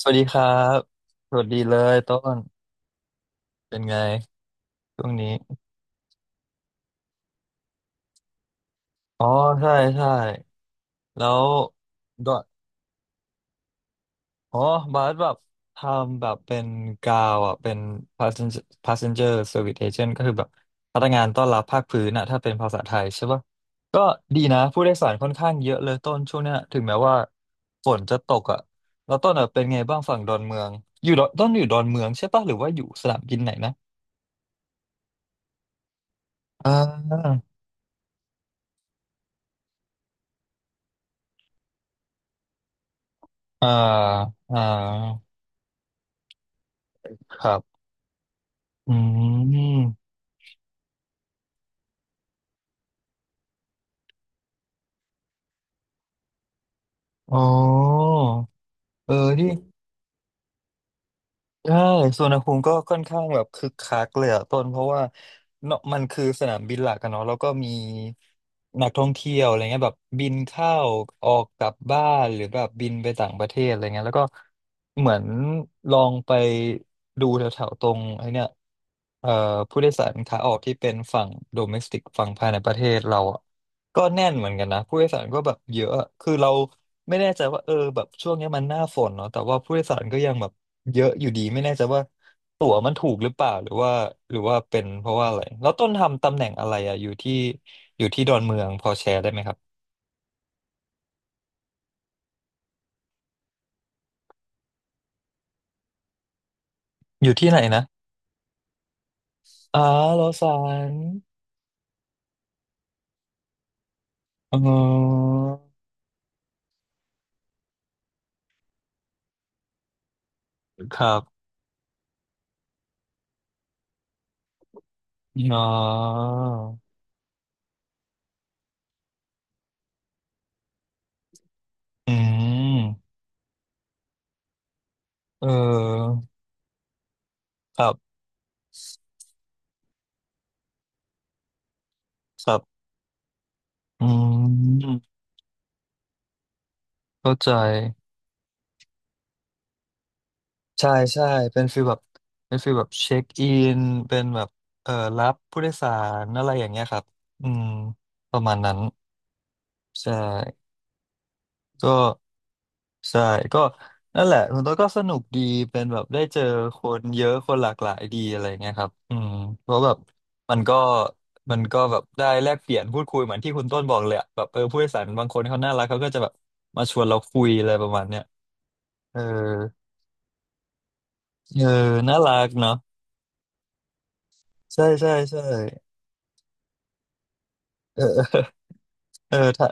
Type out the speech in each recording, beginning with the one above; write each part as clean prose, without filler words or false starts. สวัสดีครับสวัสดีเลยต้นเป็นไงช่วงนี้อ๋อใช่ใช่แล้วดออ๋อบาสแบบทำแบบเป็นกาวอ่ะเป็น passenger service agent ก็คือแบบพนักงานต้อนรับภาคพื้นอ่ะถ้าเป็นภาษาไทยใช่ปะก็ดีนะผู้โดยสารค่อนข้างเยอะเลยต้นช่วงเนี้ยถึงแม้ว่าฝนจะตกอ่ะแล้วต้นอ่ะเป็นไงบ้างฝั่งดอนเมืองอยู่ดอนต้นอยู่ดอนเมืองใช่ปะหรือว่าอยู่สนามบินไหนนะอ่าอ่าอ่า ครับ อืมอ๋อเออที่อืม ใช่สุวรรณภูมิก็ค่อนข้างแบบคึกคักเลยอะต้นเพราะว่าเนาะมันคือสนามบินหลักกันเนาะแล้วก็มีนักท่องเที่ยวอะไรเงี้ยแบบบินเข้าออกกลับบ้านหรือแบบบินไปต่างประเทศอะไรเงี้ยแล้วก็เหมือนลองไปดูแถวๆตรงไอ้เนี่ยเอ่อผู้โดยสารขาออกที่เป็นฝั่งโดเมสติกฝั่งภายในประเทศเราอะก็แน่นเหมือนกันนะผู้โดยสารก็แบบเยอะอะคือเราไม่แน่ใจว่าเออแบบช่วงเนี้ยมันหน้าฝนเนาะแต่ว่าผู้โดยสารก็ยังแบบ เยอะอยู่ดีไม่แน่ใจว่าตั๋วมันถูกหรือเปล่าหรือว่าหรือว่าเป็นเพราะว่าอะไรแล้วต้นทำตำแหน่งอะไรอะอยู่ที่ดอนเมืองพอแชร์ได้ไหมครับอยู่ที่ไหนนะอ๋อโลซานอ๋อครับอ๋ออืมเออครับครับอืมเข้าใจใช่ใช่เป็นฟีลแบบเป็นฟีลแบบเช็คอินเป็นแบบรับผู้โดยสารอะไรอย่างเงี้ยครับอืมประมาณนั้น ใช่ก็ใช่ก็นั่นแหละคุณตัวก็สนุกดีเป็นแบบได้เจอคนเยอะคนหลากหลายดีอะไรเงี้ยครับอืมเพราะแบบมันก็มันก็แบบได้แลกเปลี่ยนพูดคุยเหมือนที่คุณต้นบอกเลยอะแบบเออผู้โดยสารบางคนเขาน่ารักเขาก็จะแบบมาชวนเราคุยอะไรประมาณเนี้ยเออเออ น่ารักเนาะใช่ใช่ใช่เออ เออถ้า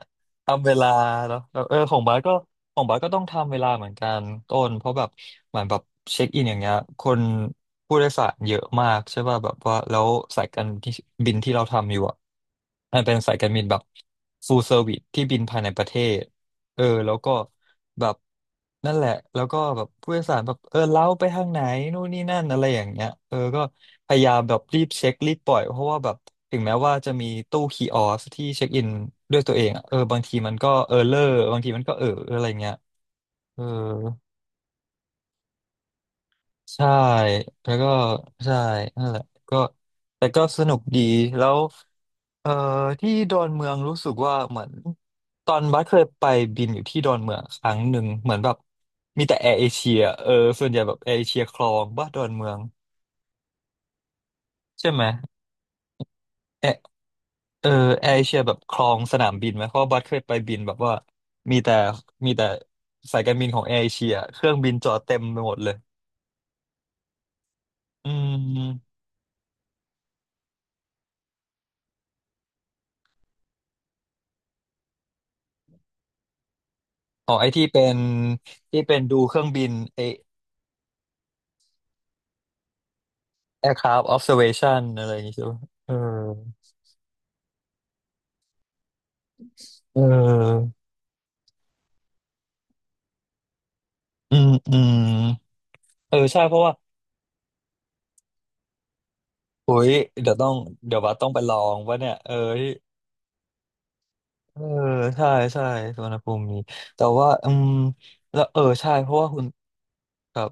ทำเวลาเนาะแล้วเออของบาสก็ต้องทำเวลาเหมือนกันต้นเพราะแบบเหมือนแบบเช็คอินอย่างเงี้ยผู้โดยสารเยอะมากใช่ป่ะแบบว่าแล้วสายการที่บินที่เราทำอยู่อ่ะมันเป็นสายการบินแบบ full service ที่บินภายในประเทศ เออแล้วก็แบบนั่นแหละแล้วก็แบบผู้โดยสารแบบเออเล้าไปทางไหนนู่นนี่นั่นอะไรอย่างเงี้ยเออก็พยายามแบบรีบเช็ครีบปล่อยเพราะว่าแบบถึงแม้ว่าจะมีตู้คีออสที่เช็คอินด้วยตัวเองอะเออบางทีมันก็เออเลอร์บางทีมันก็เอออะไรเงี้ยเออ ใช่แล้วก็ใช่นั่นแหละก็แต่ก็สนุกดีแล้วเอ่อที่ดอนเมืองรู้สึกว่าเหมือนตอนบัสเคยไปบินอยู่ที่ดอนเมืองครั้งหนึ่งเหมือนแบบมีแต่แอร์เอเชียเออส่วนใหญ่แบบแอร์เอเชียคลองบ้าดอนเมืองใช่ไหมแอร์เออแอร์เอเชียแบบคลองสนามบินไหมเพราะว่าบัสเคยไปบินแบบว่ามีแต่มีแต่สายการบินของแอร์เอเชียเครื่องบินจอดเต็มไปหมดเลยอืมอ๋องไอที่เป็นดูเครื่องบิน aircraft observation อะไรอย่างงี้ใช่ไหมเออเอออืมอืมเออใช่เพราะว่าโอ้ยเดี๋ยวต้องเดี๋ยวว่าต้องไปลองว่าเนี่ยเออที่เออใช่ใช่สุวรรณภูมิมีแต่ว่าอืมแล้วเออใช่เพราะว่าคุณกับ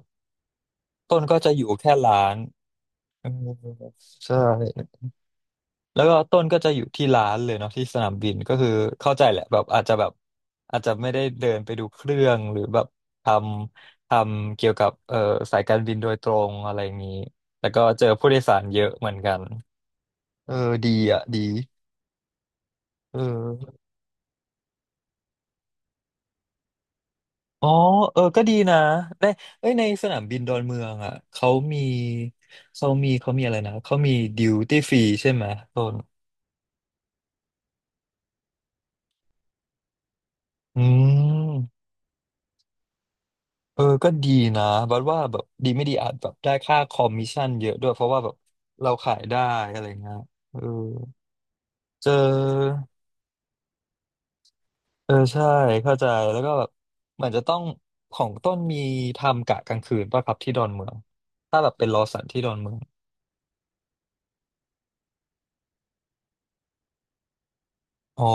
ต้นก็จะอยู่แค่ร้านเออใช่ แล้วก็ต้นก็จะอยู่ที่ร้านเลยเนาะที่สนามบินก็คือเข้าใจแหละแบบอาจจะแบบอาจจะไม่ได้เดินไปดูเครื่องหรือแบบททำเกี่ยวกับสายการบินโดยตรงอะไรอย่างนี้แล้วก็เจอผู้โดยสารเยอะเหมือนกันเออดีอ่ะดีเอออ๋อเออก็ดีนะได้เอ้ยในสนามบินดอนเมืองอ่ะเขามีอะไรนะเขามีดิวตี้ฟรีใช่ไหมต้นอืม เออก็ดีนะบัดว่าแบบดีไม่ดีอาจแบบได้ค่าคอมมิชชั่นเยอะด้วยเพราะว่าแบบเราขายได้อะไรเงี้ย เออเจอเออใช่เข้าใจแล้วก็แบบเหมือนจะต้องของต้นมีทำกะกลางคืนป่ะครับที่ดอนเมืองถ้าแบบเป็นลอสันที่ดอนเมืองอ๋อ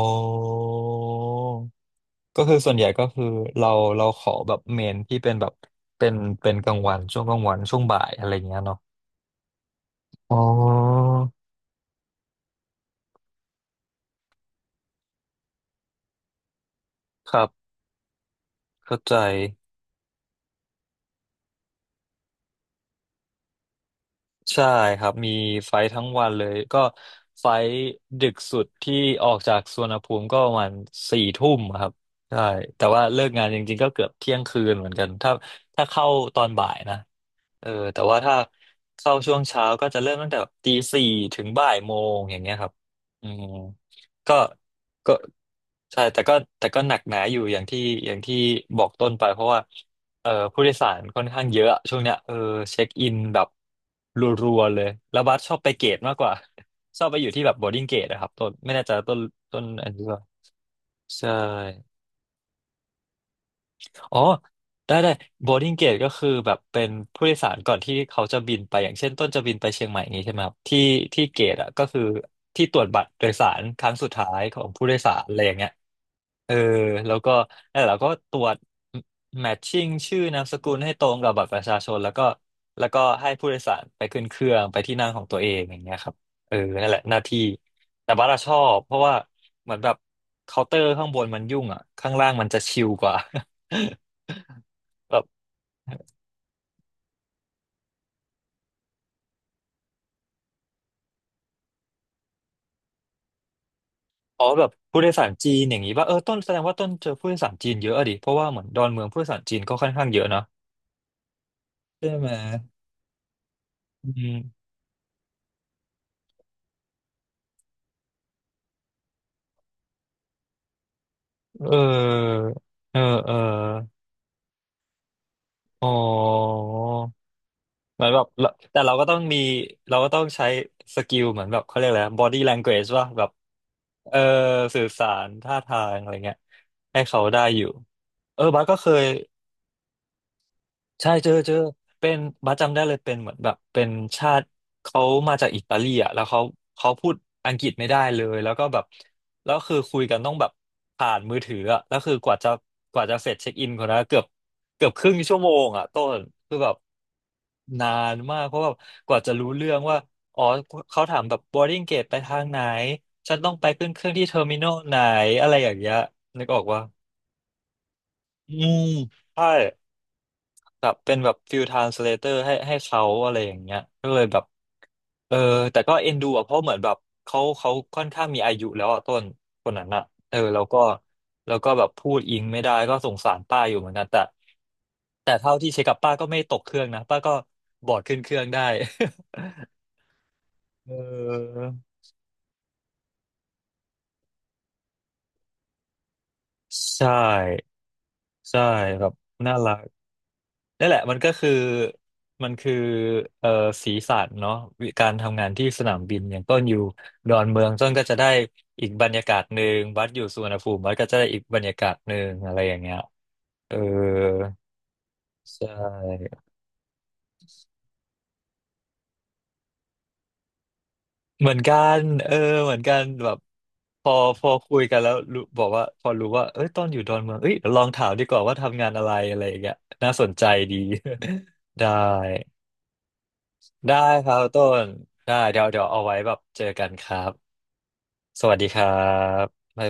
ก็คือส่วนใหญ่ก็คือเราเราขอแบบเมนที่เป็นแบบเป็นเป็นกลางวันช่วงกลางวันช่วงบ่ายอะไรเงี้ยเนาะอ๋อครับเข้าใจ ใช่ครับมีไฟท์ทั้งวันเลยก็ไฟท์ดึกสุดที่ออกจากสุวรรณภูมิก็ประมาณสี่ทุ่มครับใช่แต่ว่าเลิกงานจริงๆก็เกือบเที่ยงคืนเหมือนกันถ้าเข้าตอนบ่ายนะ เออแต่ว่าถ้าเข้าช่วงเช้าก็จะเริ่มตั้งแต่ตีสี่ถึงบ่ายโมงอย่างเงี้ยครับอืมก็ก็ใช่แต่ก็หนักหนาอยู่อย่างที่บอกต้นไปเพราะว่าเออผู้โดยสารค่อนข้างเยอะช่วงเนี้ยเออเช็คอินแบบรัวๆเลยแล้วบัสชอบไปเกตมากกว่า ชอบไปอยู่ที่แบบโบร์ดิ้งเกตนะครับต้นไม่แน่ใจต้นอันนี้ว่าใช่ อ๋อได้ได้ boarding gate ก็คือแบบเป็นผู้โดยสารก่อนที่เขาจะบินไปอย่างเช่นต้นจะบินไปเชียงใหม่อย่างนี้ใช่ไหมครับที่ที่เกตอ่ะก็คือที่ตรวจบัตรโดยสารครั้งสุดท้ายของผู้โดยสารอะไรอย่างเงี้ยเออแล้วก็นั่นแหล้วก็ตรวจ matching ชื่อนามสกุลให้ตรงกับบัตรประชาชนแล้วก็ให้ผู้โดยสารไปขึ้นเครื่องไปที่นั่งของตัวเองอย่างเงี้ยครับเออนั่นแหละหน้าที่แต่บัสอะชอบเพราะว่าเหมือนแบบเคาน์เตอร์ข้างบนมันยุ่งอ่ะข้างล่างมันจะชิลกว่า แบบอ๋อแบบผู้โดยสารจีนอย่างนี้ว่าเออต้นแสดงว่าต้นเจอผู้โดยสารจีนเยอะอะดิเพราะว่าเหมือนดอนเมืองผู้โดยสารจีนก็ค่อนข้างเยอะเนาะใช่ไหมอืมเออเออเอออ๋อเหมือนแบบเราแต่เราก็ต้องมีเราก็ต้องใช้สกิลเหมือนแบบเขาเรียกอะไร body language ว่าแบบเออสื่อสารท่าทางอะไรเงี้ยให้เขาได้อยู่เออบาสก็เคย ใช่เจอเป็นบัสจำได้เลยเป็นเหมือนแบบเป็นชาติเขามาจากอิตาลีอ่ะแล้วเขาพูดอังกฤษไม่ได้เลยแล้วก็แบบแล้วคือคุยกันต้องแบบผ่านมือถืออ่ะแล้วคือกว่าจะเสร็จเช็คอินคนนั้นเกือบครึ่งชั่วโมงอ่ะต้นคือแบบนานมากเพราะแบบกว่าจะรู้เรื่องว่าอ๋อเขาถามแบบ boarding gate ไปทางไหนฉันต้องไปขึ้นเครื่องที่เทอร์มินอลไหนอะไรอย่างเงี้ยนึกออกว่าอืมใช่ แบบเป็นแบบฟิลทรานสเลเตอร์ให้เขาอะไรอย่างเงี้ยก็เลยแบบเออแต่ก็เอ็นดูอ่ะเพราะเหมือนแบบเขาค่อนข้างมีอายุแล้วอ่ะต้นคนนั้นอ่ะเออแล้วก็แบบพูดอิงไม่ได้ก็สงสารป้าอยู่เหมือนกันแต่แต่เท่าที่เช็คกับป้าก็ไม่ตกเครื่องนะป้าก็บอร์ดขึ้นเครื่องได้ เออใช่ใช่แบบน่ารัก นั่นแหละมันก็คือมันคือเอ่อสีสันเนาะวิการทำงานที่สนามบินอย่างต้นอยู่ดอนเมืองต้นก็จะได้อีกบรรยากาศหนึ่งวัดอยู่สุวรรณภูมิวัดก็จะได้อีกบรรยากาศหนึ่งอะไรอย่างเงี้ยเออใช่เหมือนกันเออเหมือนกันแบบพอพอคุยกันแล้วรู้บอกว่าพอรู้ว่าเอ้ยตอนอยู่ดอนเมืองเอ้ยเดี๋ยวลองถามดีกว่าว่าทำงานอะไรอะไรอย่างเงี้ยน่าสนใจดี ได้ได้ครับต้นได้เดี๋ยวเอาไว้แบบเจอกันครับ สวัสดีครับ